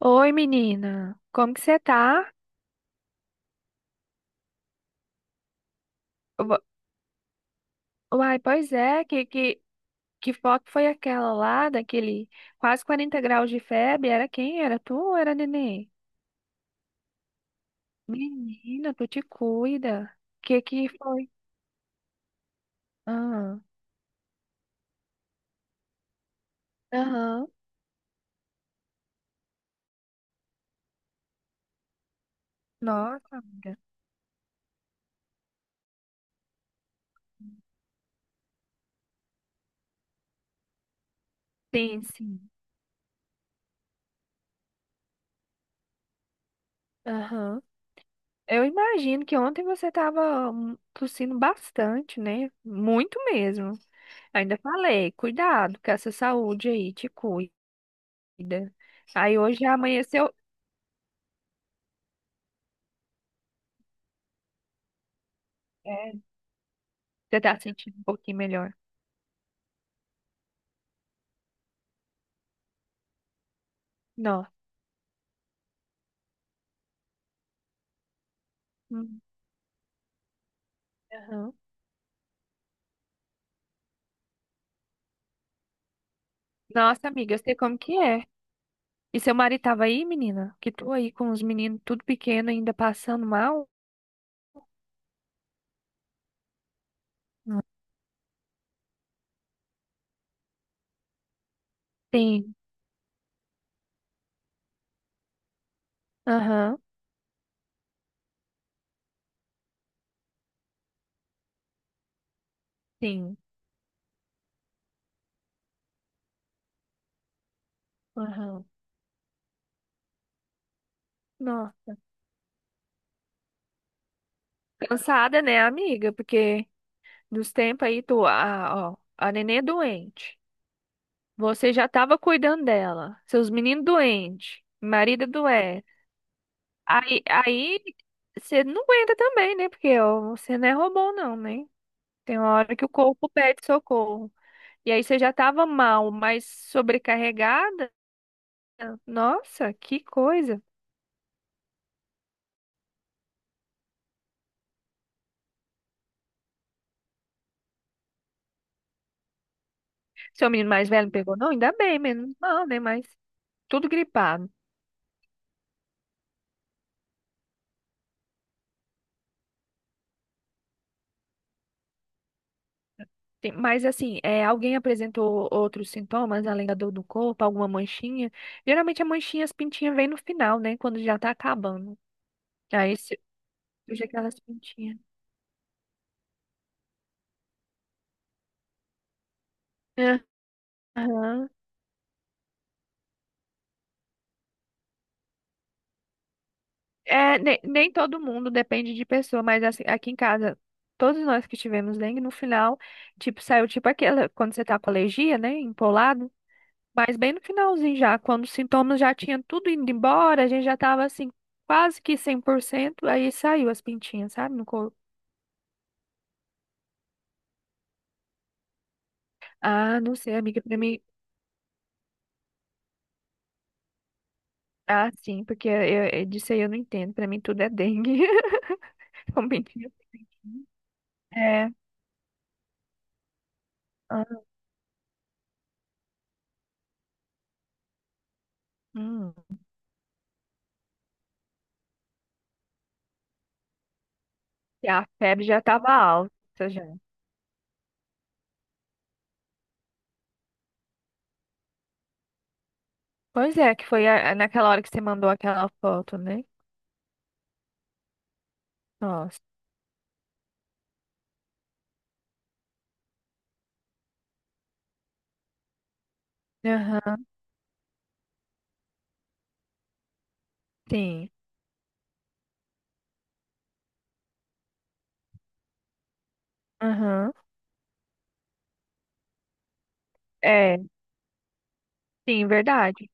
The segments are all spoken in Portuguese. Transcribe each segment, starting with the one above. Oi, menina. Como que você tá? Ua- Uai, pois é, que foto foi aquela lá, daquele quase 40 graus de febre? Era quem? Era tu ou era neném? Menina, tu te cuida. Que foi? Ah, aham. Nossa, amiga. Sim, sim. Aham. Eu imagino que ontem você tava tossindo bastante, né? Muito mesmo. Ainda falei, cuidado com essa saúde aí, te cuida. Aí hoje já amanheceu, é, você tá sentindo um pouquinho melhor. Nossa. Hum, aham. Nossa, amiga, eu sei como que é. E seu marido tava aí, menina? Que tu aí com os meninos tudo pequeno ainda passando mal? Sim, aham, sim, aham. Nossa. Cansada, né, amiga? Porque nos tempos aí, tu, a, ó, a nenê doente. Você já tava cuidando dela. Seus meninos doentes. Marido doente. Aí, você não aguenta também, né? Porque ó, você não é robô, não, né? Tem uma hora que o corpo pede socorro. E aí você já estava mal, mas sobrecarregada? Nossa, que coisa. Seu menino mais velho não pegou, não? Ainda bem, menos mal, né? Mas tudo gripado. Mas assim, é, alguém apresentou outros sintomas além da dor do corpo, alguma manchinha? Geralmente a manchinha, as pintinhas vêm no final, né? Quando já tá acabando. Aí surge aquelas pintinhas. Aham. É, nem todo mundo depende de pessoa, mas assim, aqui em casa, todos nós que tivemos dengue, no final, tipo, saiu tipo aquela, quando você tá com alergia, né, empolado, mas bem no finalzinho já, quando os sintomas já tinham tudo indo embora, a gente já tava assim, quase que 100% aí saiu as pintinhas, sabe, no corpo. Ah, não sei, amiga, pra mim, ah, sim, porque eu, disso aí eu não entendo, pra mim tudo é dengue, com pintinha. É, ah, hum, e a febre já tava alta, já. Pois é, que foi naquela hora que você mandou aquela foto, né? Nossa. Aham, sim. Aham. É, sim, verdade.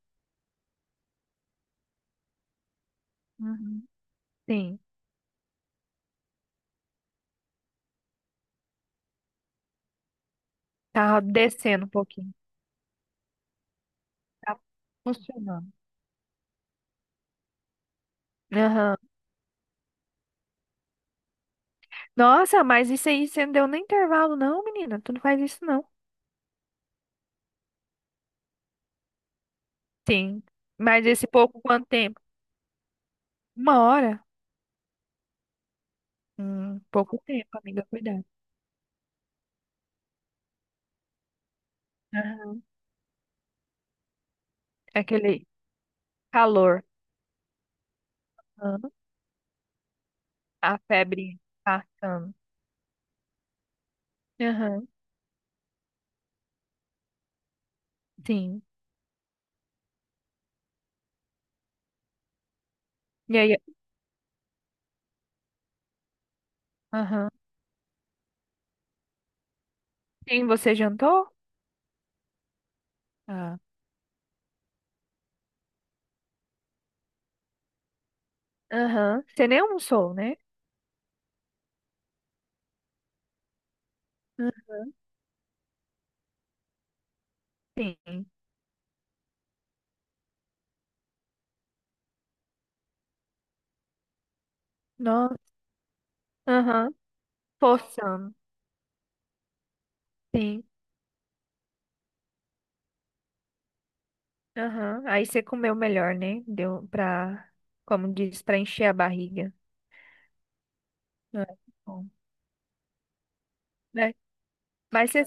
Uhum. Sim. Tava descendo um pouquinho. Tá funcionando. Aham. Nossa, mas isso aí você não deu nem intervalo, não, menina. Tu não faz isso, não. Sim. Mas esse pouco, quanto tempo? Uma hora? Pouco tempo, amiga, cuidado. Aham. Aquele calor. Aham. A febre passando. Aham. Sim. E aí, aham. Sim, você jantou? Ah. Aham. Você nem almoçou, né? Hum, sim. Nossa. Aham. Forçando. Sim. Aham. Aí você comeu melhor, né? Deu pra, como diz, pra encher a barriga. Ah, que bom. Né? Mas você.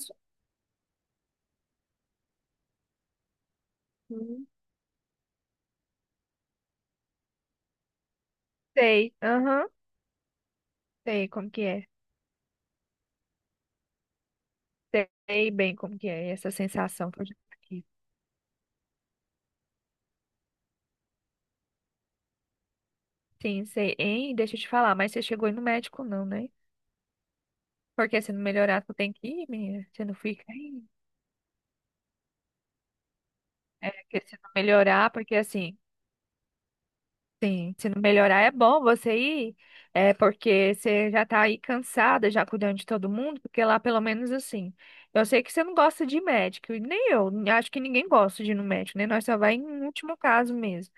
Hum, Sei. Aham. Sei como que é. Sei bem como que é essa sensação que eu já tive. Sim, sei. Hein? Deixa eu te falar, mas você chegou aí no médico não, né? Porque se não melhorar, tu tem que ir, menina. Você não fica aí. É, porque se não melhorar, porque assim. Sim, se não melhorar é bom você ir, é porque você já tá aí cansada, já cuidando de todo mundo, porque lá pelo menos assim. Eu sei que você não gosta de médico, e nem eu, acho que ninguém gosta de ir no médico, né? Nós só vai em último caso mesmo.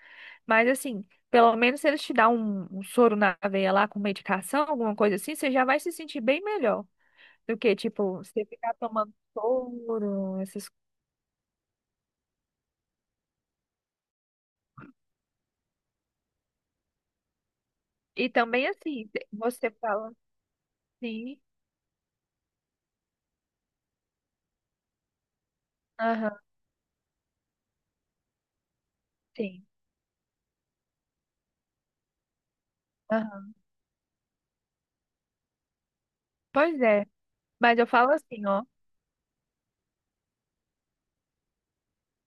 Mas assim, pelo menos se eles te dão um soro na veia lá com medicação, alguma coisa assim, você já vai se sentir bem melhor do que, tipo, você ficar tomando soro, essas coisas. E também assim, você fala sim, aham, sim, aham. Pois é. Mas eu falo assim, ó.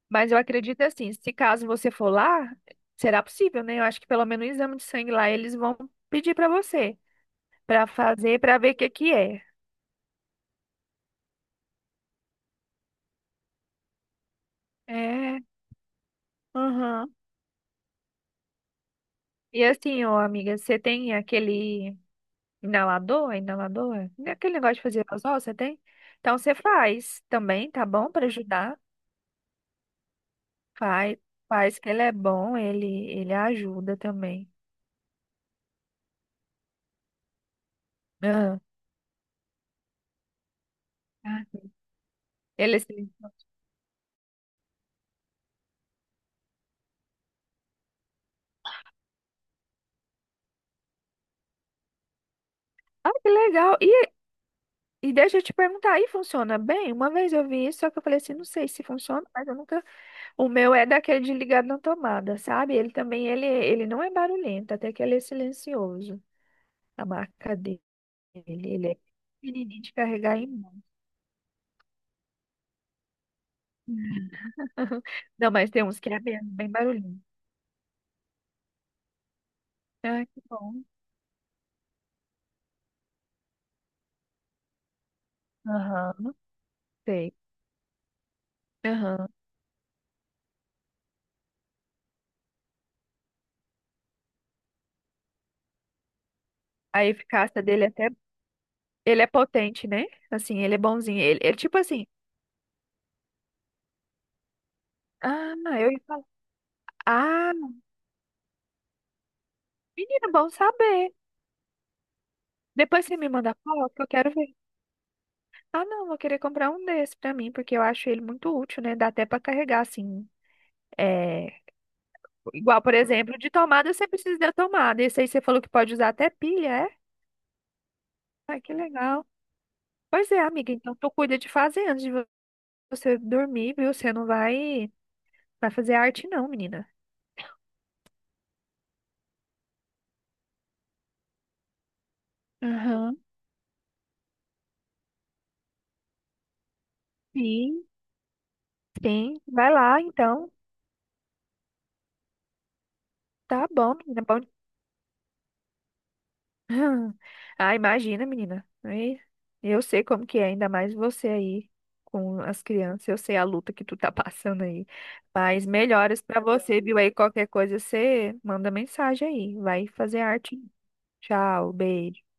Mas eu acredito assim, se caso você for lá, será possível, né? Eu acho que pelo menos o exame de sangue lá eles vão pedir pra você, pra fazer, pra ver o que que é. É. Aham. E assim, ó, amiga, você tem aquele inalador, é inalador, né, aquele negócio de fazer aerosol, você tem? Então você faz também, tá bom? Pra ajudar. Faz, faz que ele é bom, ele ajuda também. Aham. Ah, ele assim, ah, que legal. E deixa eu te perguntar, aí funciona bem? Uma vez eu vi isso, só que eu falei assim, não sei se funciona, mas eu nunca. O meu é daquele de ligado na tomada, sabe? Ele também, ele não é barulhento, até que ele é silencioso, a marca dele. Ele é pequenininho de carregar em mão. Não, mas tem uns que é bem, bem barulhento. Ah, que bom. Aham, sei. Aham. A eficácia dele é até, ele é potente, né? Assim, ele é bonzinho. Ele tipo assim, ah, eu ia falar, ah, menina, bom saber. Depois você me manda foto, que eu quero ver. Ah, não, vou querer comprar um desse pra mim, porque eu acho ele muito útil, né? Dá até pra carregar, assim. É. Igual, por exemplo, de tomada você precisa da tomada. Esse aí você falou que pode usar até pilha, é? Ai, que legal. Pois é, amiga, então tu cuida de fazer antes de você dormir, viu? Você não vai, fazer arte, não, menina. Aham. Sim. Sim, vai lá, então. Tá bom, menina. Bom ah, imagina, menina. Aí, eu sei como que é, ainda mais você aí com as crianças. Eu sei a luta que tu tá passando aí. Mas melhoras pra você, viu? Aí qualquer coisa você manda mensagem aí. Vai fazer arte. Tchau, beijo.